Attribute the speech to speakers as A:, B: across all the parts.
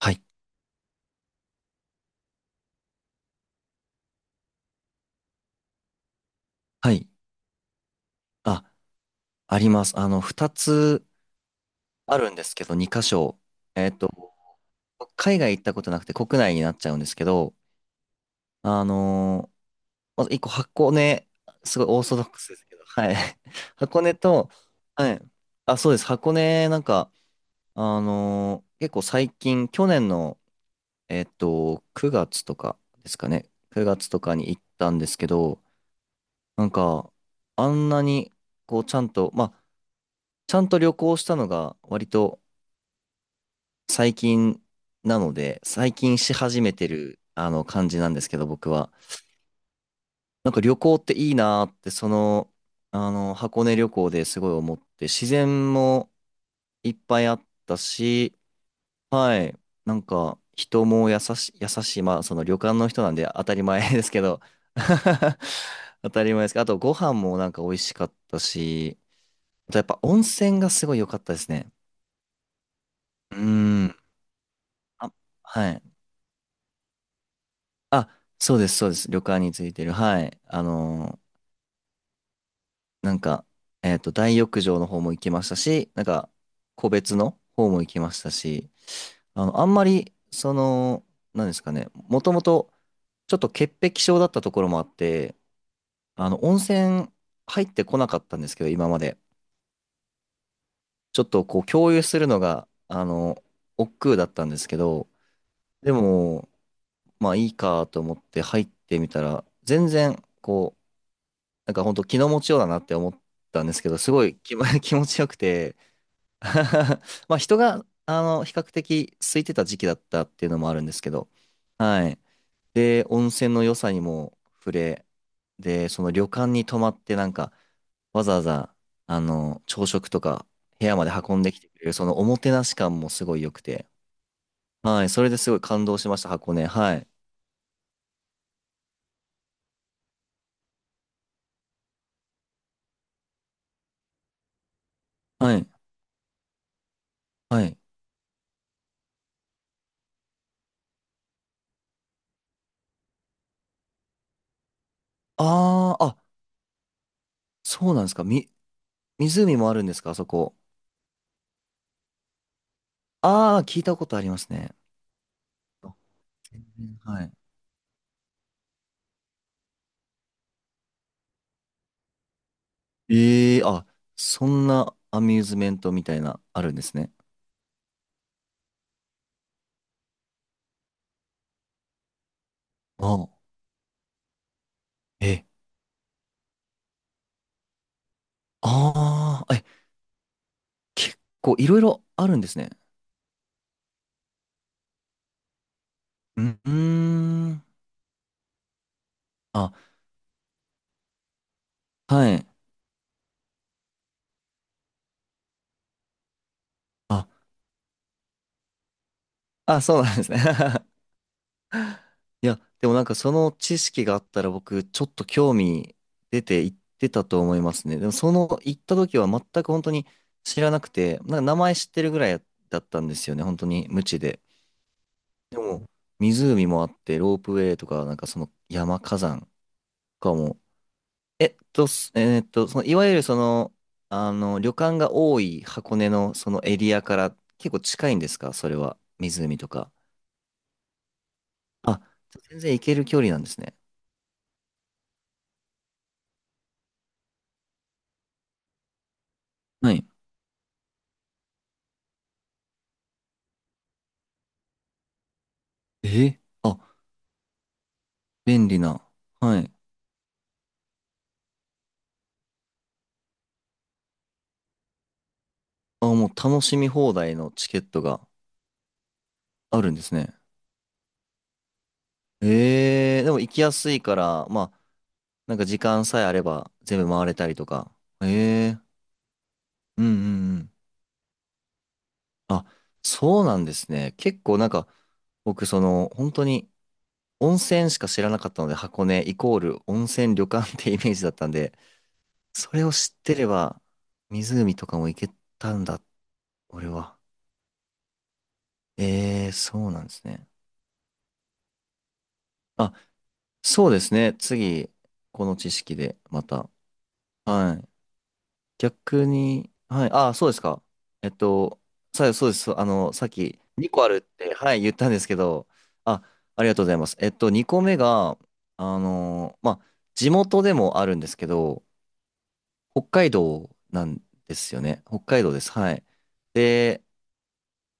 A: はい。はい。あ、あります。二つあるんですけど、二箇所。えっと、海外行ったことなくて国内になっちゃうんですけど、あのーまず一個箱根、すごいオーソドックスですけど、はい。箱根と、はい。あ、そうです。箱根、なんか、結構最近、去年の、9月とかですかね。9月とかに行ったんですけど、なんか、あんなに、こう、ちゃんと、まあ、ちゃんと旅行したのが割と最近なので、最近し始めてる、感じなんですけど、僕は。なんか旅行っていいなーって、箱根旅行ですごい思って、自然もいっぱいあったし、はい、なんか人も優しい、まあ、その旅館の人なんで当たり前ですけど、当たり前ですけど、あとご飯もなんか美味しかったし、あとやっぱ温泉がすごい良かったですね。うーん。あ、はい。あ、そうです、そうです。旅館についてる。はい。なんか、大浴場の方も行きましたし、なんか、個別の方も行きましたし、あんまり、なんですかね、もともと、ちょっと潔癖症だったところもあって、温泉入ってこなかったんですけど、今まで。ちょっとこう、共有するのが、億劫だったんですけど、でも、まあいいかと思って入ってみたら、全然、こう、なんか本当気の持ちようだなって思ったんですけど、すごい気持ちよくて まあ人が、比較的空いてた時期だったっていうのもあるんですけど、はい。で、温泉の良さにも触れ、で、その旅館に泊まってなんか、わざわざ、朝食とか部屋まで運んできてくれる、そのおもてなし感もすごい良くて、はい。それですごい感動しました、箱根。はい。はい。はい。あー、あ、そうなんですか。湖もあるんですか、あそこ。ああ、聞いたことありますね。あ、全然、はい。ええ、あ、そんなアミューズメントみたいな、あるんですね。ああ、え、ああ、え、結構いろいろあるんですね。うん、うーん。あ、はい。あ、あ、そうなんですね。いや、でもなんかその知識があったら僕、ちょっと興味出て行ってたと思いますね。でもその行った時は全く本当に知らなくて、なんか名前知ってるぐらいだったんですよね。本当に無知で。でも、湖もあって、ロープウェイとか、なんかその火山とかも、えっと、すえーっと、その、いわゆるその、旅館が多い箱根のそのエリアから結構近いんですかそれは、湖とか。あ、全然行ける距離なんですね。はい。え、あ、便利な。はい。あ、もう楽しみ放題のチケットがあるんですね。でも行きやすいから、まあ、なんか時間さえあれば全部回れたりとか。えー、うんうんうん。あ、そうなんですね。結構なんか、僕本当に温泉しか知らなかったので、箱根イコール温泉旅館ってイメージだったんで、それを知ってれば、湖とかも行けたんだ、俺は。そうなんですね。あ、そうですね。次、この知識でまた。はい。逆に、はい、ああ、そうですか。えっと、そうです。さっき2個あるって、はい、言ったんですけど、あ、ありがとうございます。2個目が、まあ、地元でもあるんですけど、北海道なんですよね。北海道です。はい。で、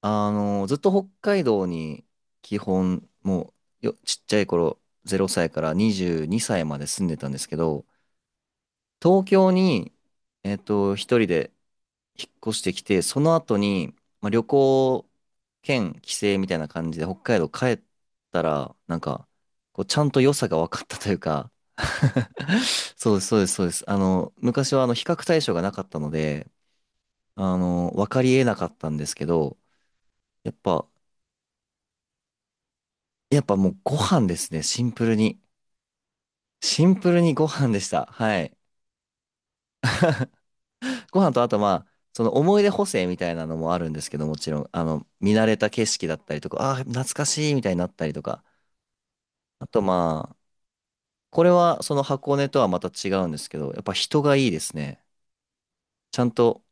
A: ずっと北海道に、基本、もう、ちっちゃい頃、0歳から22歳まで住んでたんですけど、東京に、一人で、引っ越してきて、その後に、まあ、旅行兼帰省みたいな感じで北海道帰ったら、なんか、こうちゃんと良さが分かったというか そうです、そうです、そうです。昔は比較対象がなかったので、分かり得なかったんですけど、やっぱ、やっぱもうご飯ですね、シンプルに。シンプルにご飯でした。はい。ご飯とあとまあ、その思い出補正みたいなのもあるんですけど、もちろん、見慣れた景色だったりとか、ああー、懐かしいみたいになったりとか、あとまあ、これはその箱根とはまた違うんですけど、やっぱ人がいいですね。ちゃんと、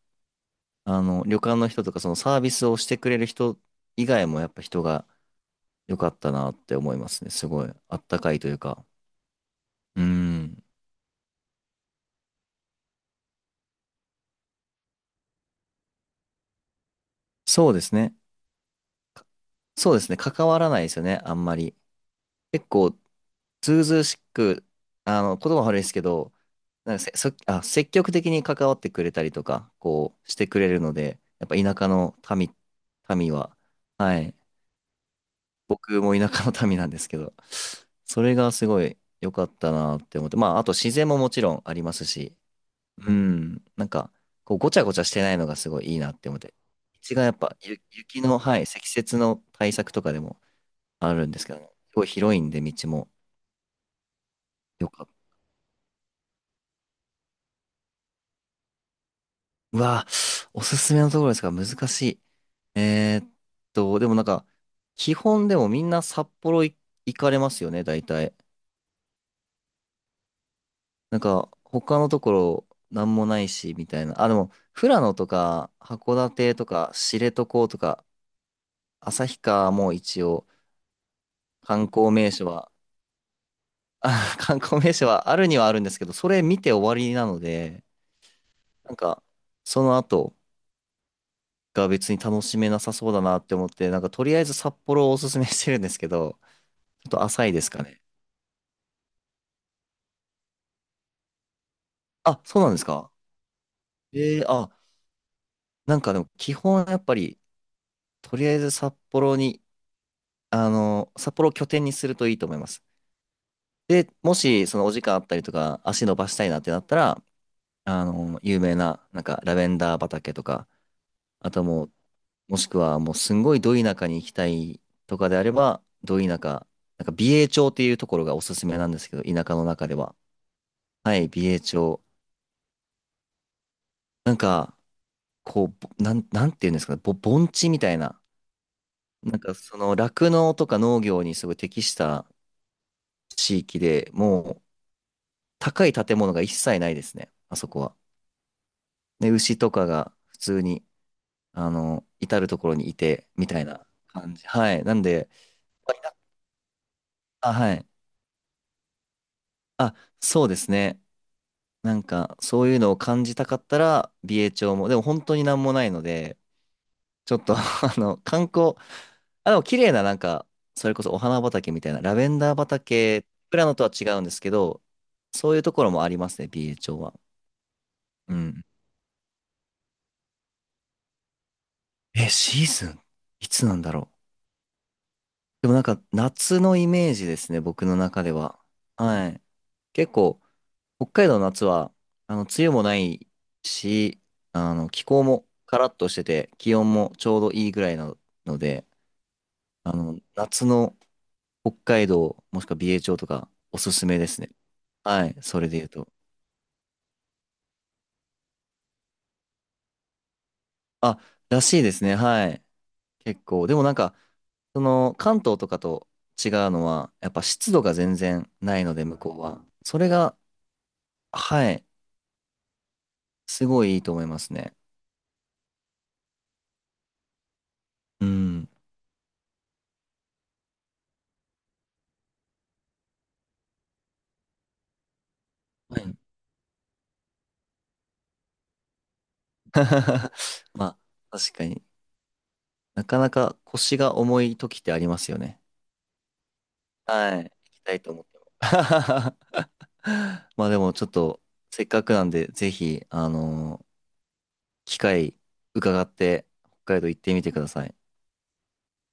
A: 旅館の人とかそのサービスをしてくれる人以外もやっぱ人が良かったなって思いますね。すごい、あったかいというか。うん。そうですね。そうですね。関わらないですよね、あんまり。結構、ずうずうしく、言葉悪いですけど、なんかせ、そ、あ、積極的に関わってくれたりとか、こう、してくれるので、やっぱ田舎の民は、はい。僕も田舎の民なんですけど、それがすごい良かったなって思って、まあ、あと自然ももちろんありますし、うん、なんか、こう、ごちゃごちゃしてないのがすごいいいなって思って、道がやっぱ、ゆ雪の、はい、積雪の対策とかでもあるんですけどね、すごい広いんで、道も良かった。うわ、おすすめのところですか、難しい。えーっでもなんか、基本でもみんな札幌行かれますよね、大体。なんか、他のところ、なんもないし、みたいな。あ、でも、富良野とか、函館とか、知床とか、旭川も一応、観光名所は、あ、観光名所はあるにはあるんですけど、それ見て終わりなので、なんか、その後が別に楽しめなさそうだなって思って、なんか、とりあえず札幌をおすすめしてるんですけど、ちょっと浅いですかね。あ、そうなんですか。あ、なんかでも、基本やっぱり、とりあえず札幌に、札幌を拠点にするといいと思います。で、もし、そのお時間あったりとか、足伸ばしたいなってなったら、有名な、なんか、ラベンダー畑とか、あともう、もしくは、もう、すんごいど田舎に行きたいとかであれば、ど田舎、なんか、美瑛町っていうところがおすすめなんですけど、田舎の中では。はい、美瑛町。なんか、こう、ぼなん、なんていうんですかね、盆地みたいな、なんか、酪農とか農業にすごい適した地域で、もう、高い建物が一切ないですね、あそこは。で、牛とかが、普通に、至るところにいて、みたいな感じ。はい。なんで、あ、はい。あ、そうですね。なんか、そういうのを感じたかったら、美瑛町も、でも本当になんもないので、ちょっと 観光、あ、でも綺麗な、なんか、それこそお花畑みたいな、ラベンダー畑、プラノとは違うんですけど、そういうところもありますね、美瑛町は。うん。え、シーズンいつなんだろう。でもなんか、夏のイメージですね、僕の中では。はい。結構、北海道の夏は、梅雨もないし、気候もカラッとしてて、気温もちょうどいいぐらいなので、夏の北海道、もしくは美瑛町とか、おすすめですね。はい、それで言うと。あ、らしいですね、はい。結構。でもなんか、関東とかと違うのは、やっぱ湿度が全然ないので、向こうは。それが、はい、すごいいいと思いますね。うん。はい。まあ、確かに。なかなか腰が重い時ってありますよね。はい。行きたいと思っても。まあでもちょっと、せっかくなんで、ぜひ、機会伺って、北海道行ってみてください。